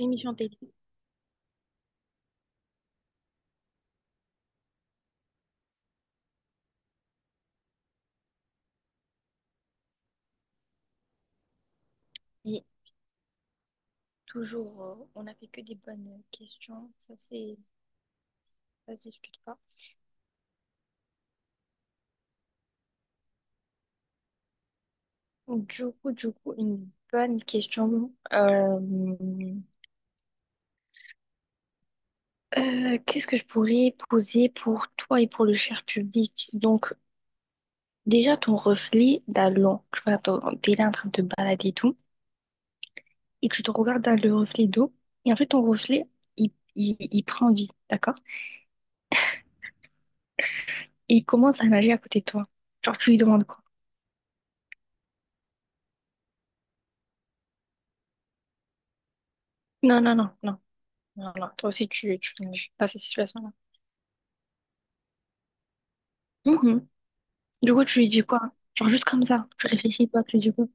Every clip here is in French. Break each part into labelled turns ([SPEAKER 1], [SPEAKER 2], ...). [SPEAKER 1] Émission télé. Et toujours, on n'a fait que des bonnes questions. Ça, c'est, ça se discute pas. Du coup, une bonne question. Qu'est-ce que je pourrais poser pour toi et pour le cher public? Donc, déjà, ton reflet dans l'eau. Tu vois, t'es là en train de te balader et tout, et que tu te regardes dans le reflet d'eau. Et en fait, ton reflet, il prend vie, d'accord? Et il commence à nager à côté de toi. Genre, tu lui demandes quoi? Non, non, non, non. Alors, toi aussi, tu connais pas cette situation-là. Mhm. Du coup, tu lui dis quoi? Genre, juste comme ça, tu réfléchis pas, tu lui dis quoi?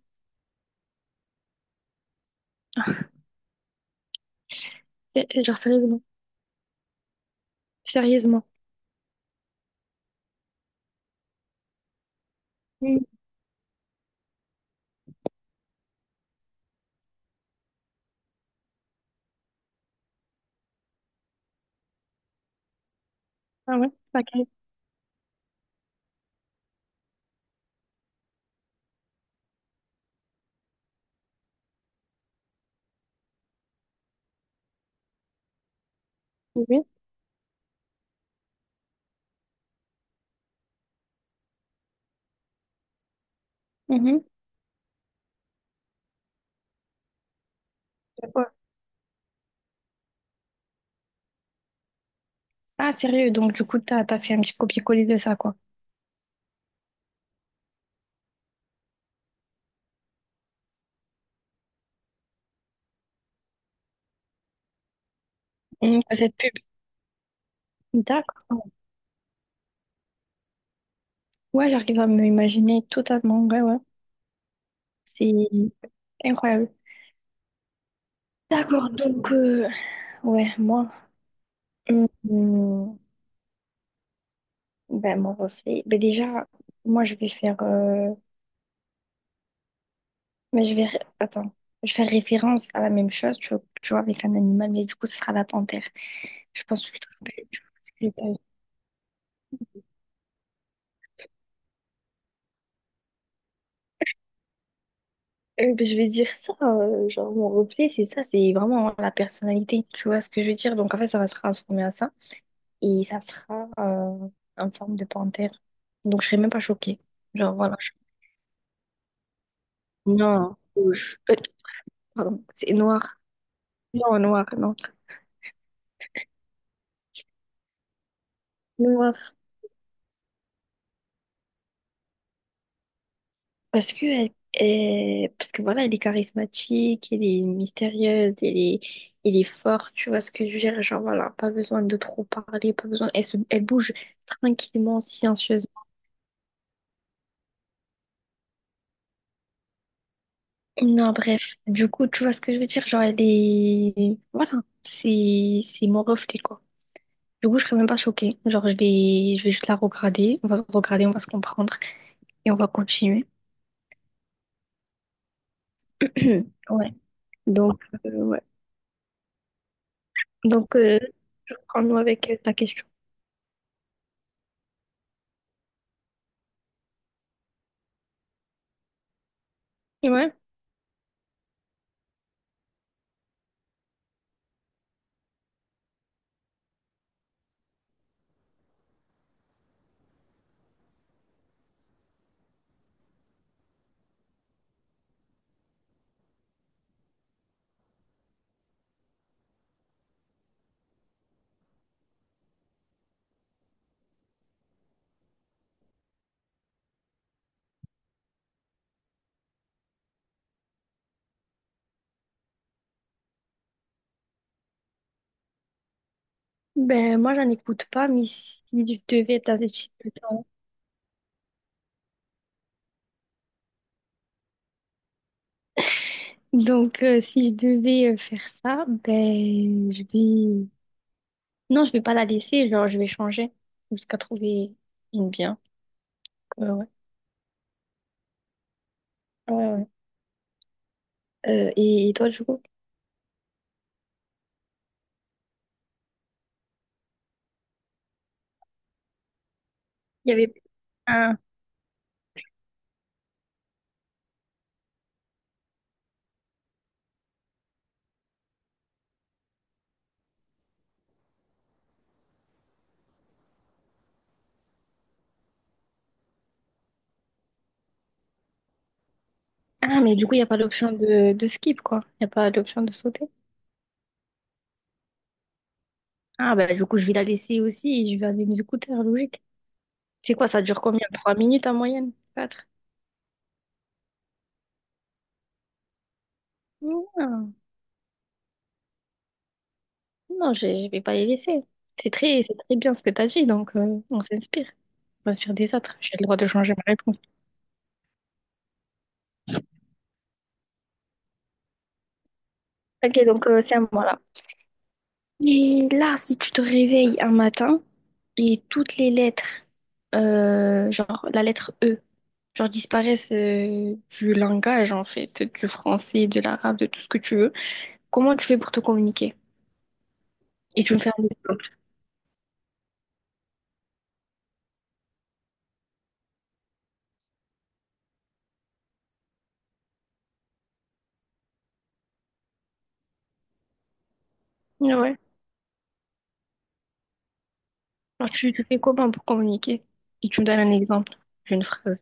[SPEAKER 1] Eh, eh, genre, sérieusement. Sérieusement. Mhm. Ah ouais? Pas grave. Oui. Mhm. C'est quoi? Ah, sérieux, donc du coup, t'as fait un petit copier-coller de ça, quoi. Mhm. Cette pub. D'accord. Ouais, j'arrive à me imaginer totalement. Ouais, ouais. C'est incroyable. D'accord, donc, ouais, moi, hum, hum, ben, mon reflet. Ben, déjà, moi, je vais faire, mais je vais... attends. Je vais faire référence à la même chose, tu vois, avec un animal, mais du coup, ce sera la panthère. Je pense que je te rappelle, tu vois, ce que j'ai pas dit. Ben, je vais dire ça, genre, mon reflet, c'est ça, c'est vraiment la personnalité, tu vois ce que je veux dire. Donc, en fait, ça va se transformer à ça, et ça sera en forme de panthère. Donc, je serai même pas choquée. Genre, voilà. Non, rouge. Pardon, c'est noir. Non, noir, non. Noir. Parce que, elle, parce que voilà, elle est charismatique, elle est mystérieuse, elle est forte, tu vois ce que je veux dire? Genre voilà, pas besoin de trop parler, pas besoin. Elle, elle bouge tranquillement, silencieusement. Non, bref. Du coup, tu vois ce que je veux dire? Genre, elle est. Voilà, c'est mon reflet, quoi. Du coup, je serais même pas choquée. Genre, je vais juste la regarder. On va se regarder, on va se comprendre et on va continuer. Ouais. Donc, ouais. Donc, je prends nous avec ta question. Ouais. Ben, moi, j'en écoute pas, mais si je devais être dans cette situation- Donc, si je devais faire ça, ben, je vais... Non, je vais pas la laisser, genre, je vais changer jusqu'à trouver une bien. Ouais, ouais, ouais, ouais. Et toi, du coup? Il y avait un... Ah, mais du coup, il n'y a pas l'option de skip, quoi. Il n'y a pas l'option de sauter. Ah, ben, du coup, je vais la laisser aussi et je vais aller mes écouteurs, logique. C'est quoi, ça dure combien? Trois minutes en moyenne? Quatre? Ah. Non, je ne vais pas les laisser. C'est très bien ce que tu as dit, donc on s'inspire. On s'inspire des autres. J'ai le droit de changer ma réponse. Ok, donc c'est à moi là. Et là, si tu te réveilles un matin et toutes les lettres, genre la lettre E, genre disparaissent du langage en fait, du français, de l'arabe, de tout ce que tu veux, comment tu fais pour te communiquer? Et tu me fais un exemple. Ouais. Alors tu fais comment pour communiquer? Et tu me donnes un exemple d'une phrase.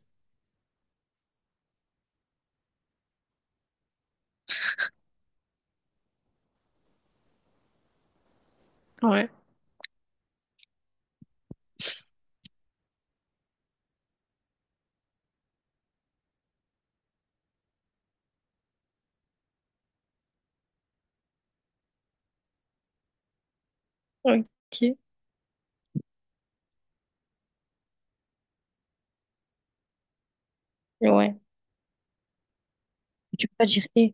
[SPEAKER 1] Ouais. Ok. Ouais. Tu peux pas dire et.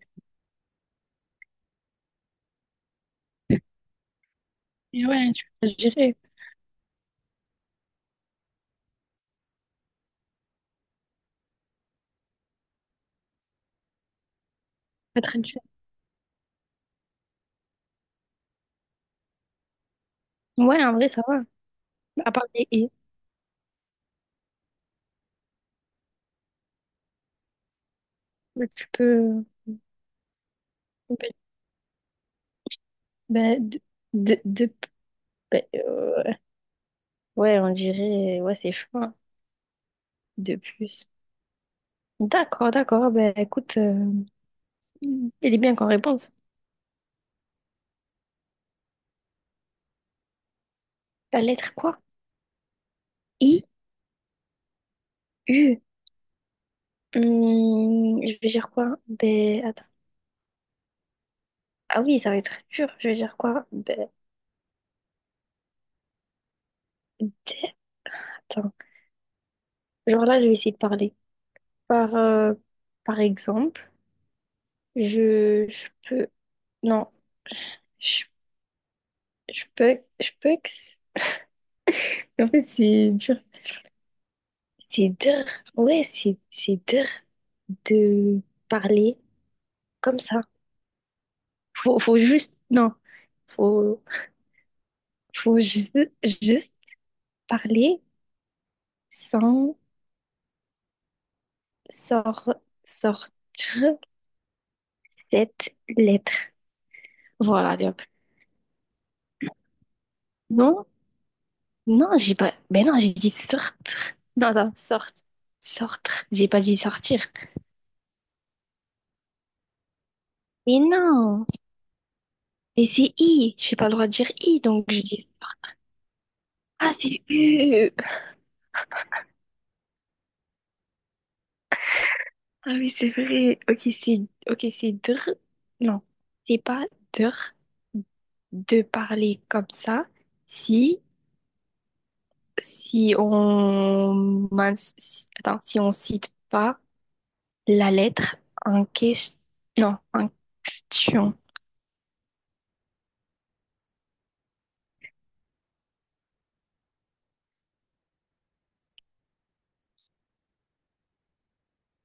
[SPEAKER 1] Et ouais, tu peux pas dire. Pas traduire. Ouais, en vrai, ça va. À part des et, mais tu peux. Bah, de, de, de- bah, ouais, on dirait. Ouais, c'est chaud, hein, de plus. D'accord, d'accord. Ben écoute, elle est bien qu'en réponse. La lettre quoi? I, U. Je vais dire quoi? Ben attends. Ah oui, ça va être dur. Je vais dire quoi? Ben, D. Attends. Genre là, je vais essayer de parler. Par, par exemple. Je peux. Non, je, je peux. Je peux. Ex- En fait, c'est dur. C'est dur. Ouais, c'est dur de parler comme ça. Faut juste. Non. Faut, faut juste, juste parler sans sor- sortir cette lettre. Voilà, Léop. Non, non, j'ai pas. Mais non, j'ai dit sortir. Non, non, sortir. Sortir. J'ai pas dit sortir. Mais non. Mais c'est I, j'ai pas le droit de dire I, donc je dis. Ah, c'est U. Ah oui, c'est vrai. Ok, c'est dr. Non, c'est pas dr de parler comme ça. Si on attends, si on cite pas la lettre en question. Non, en question.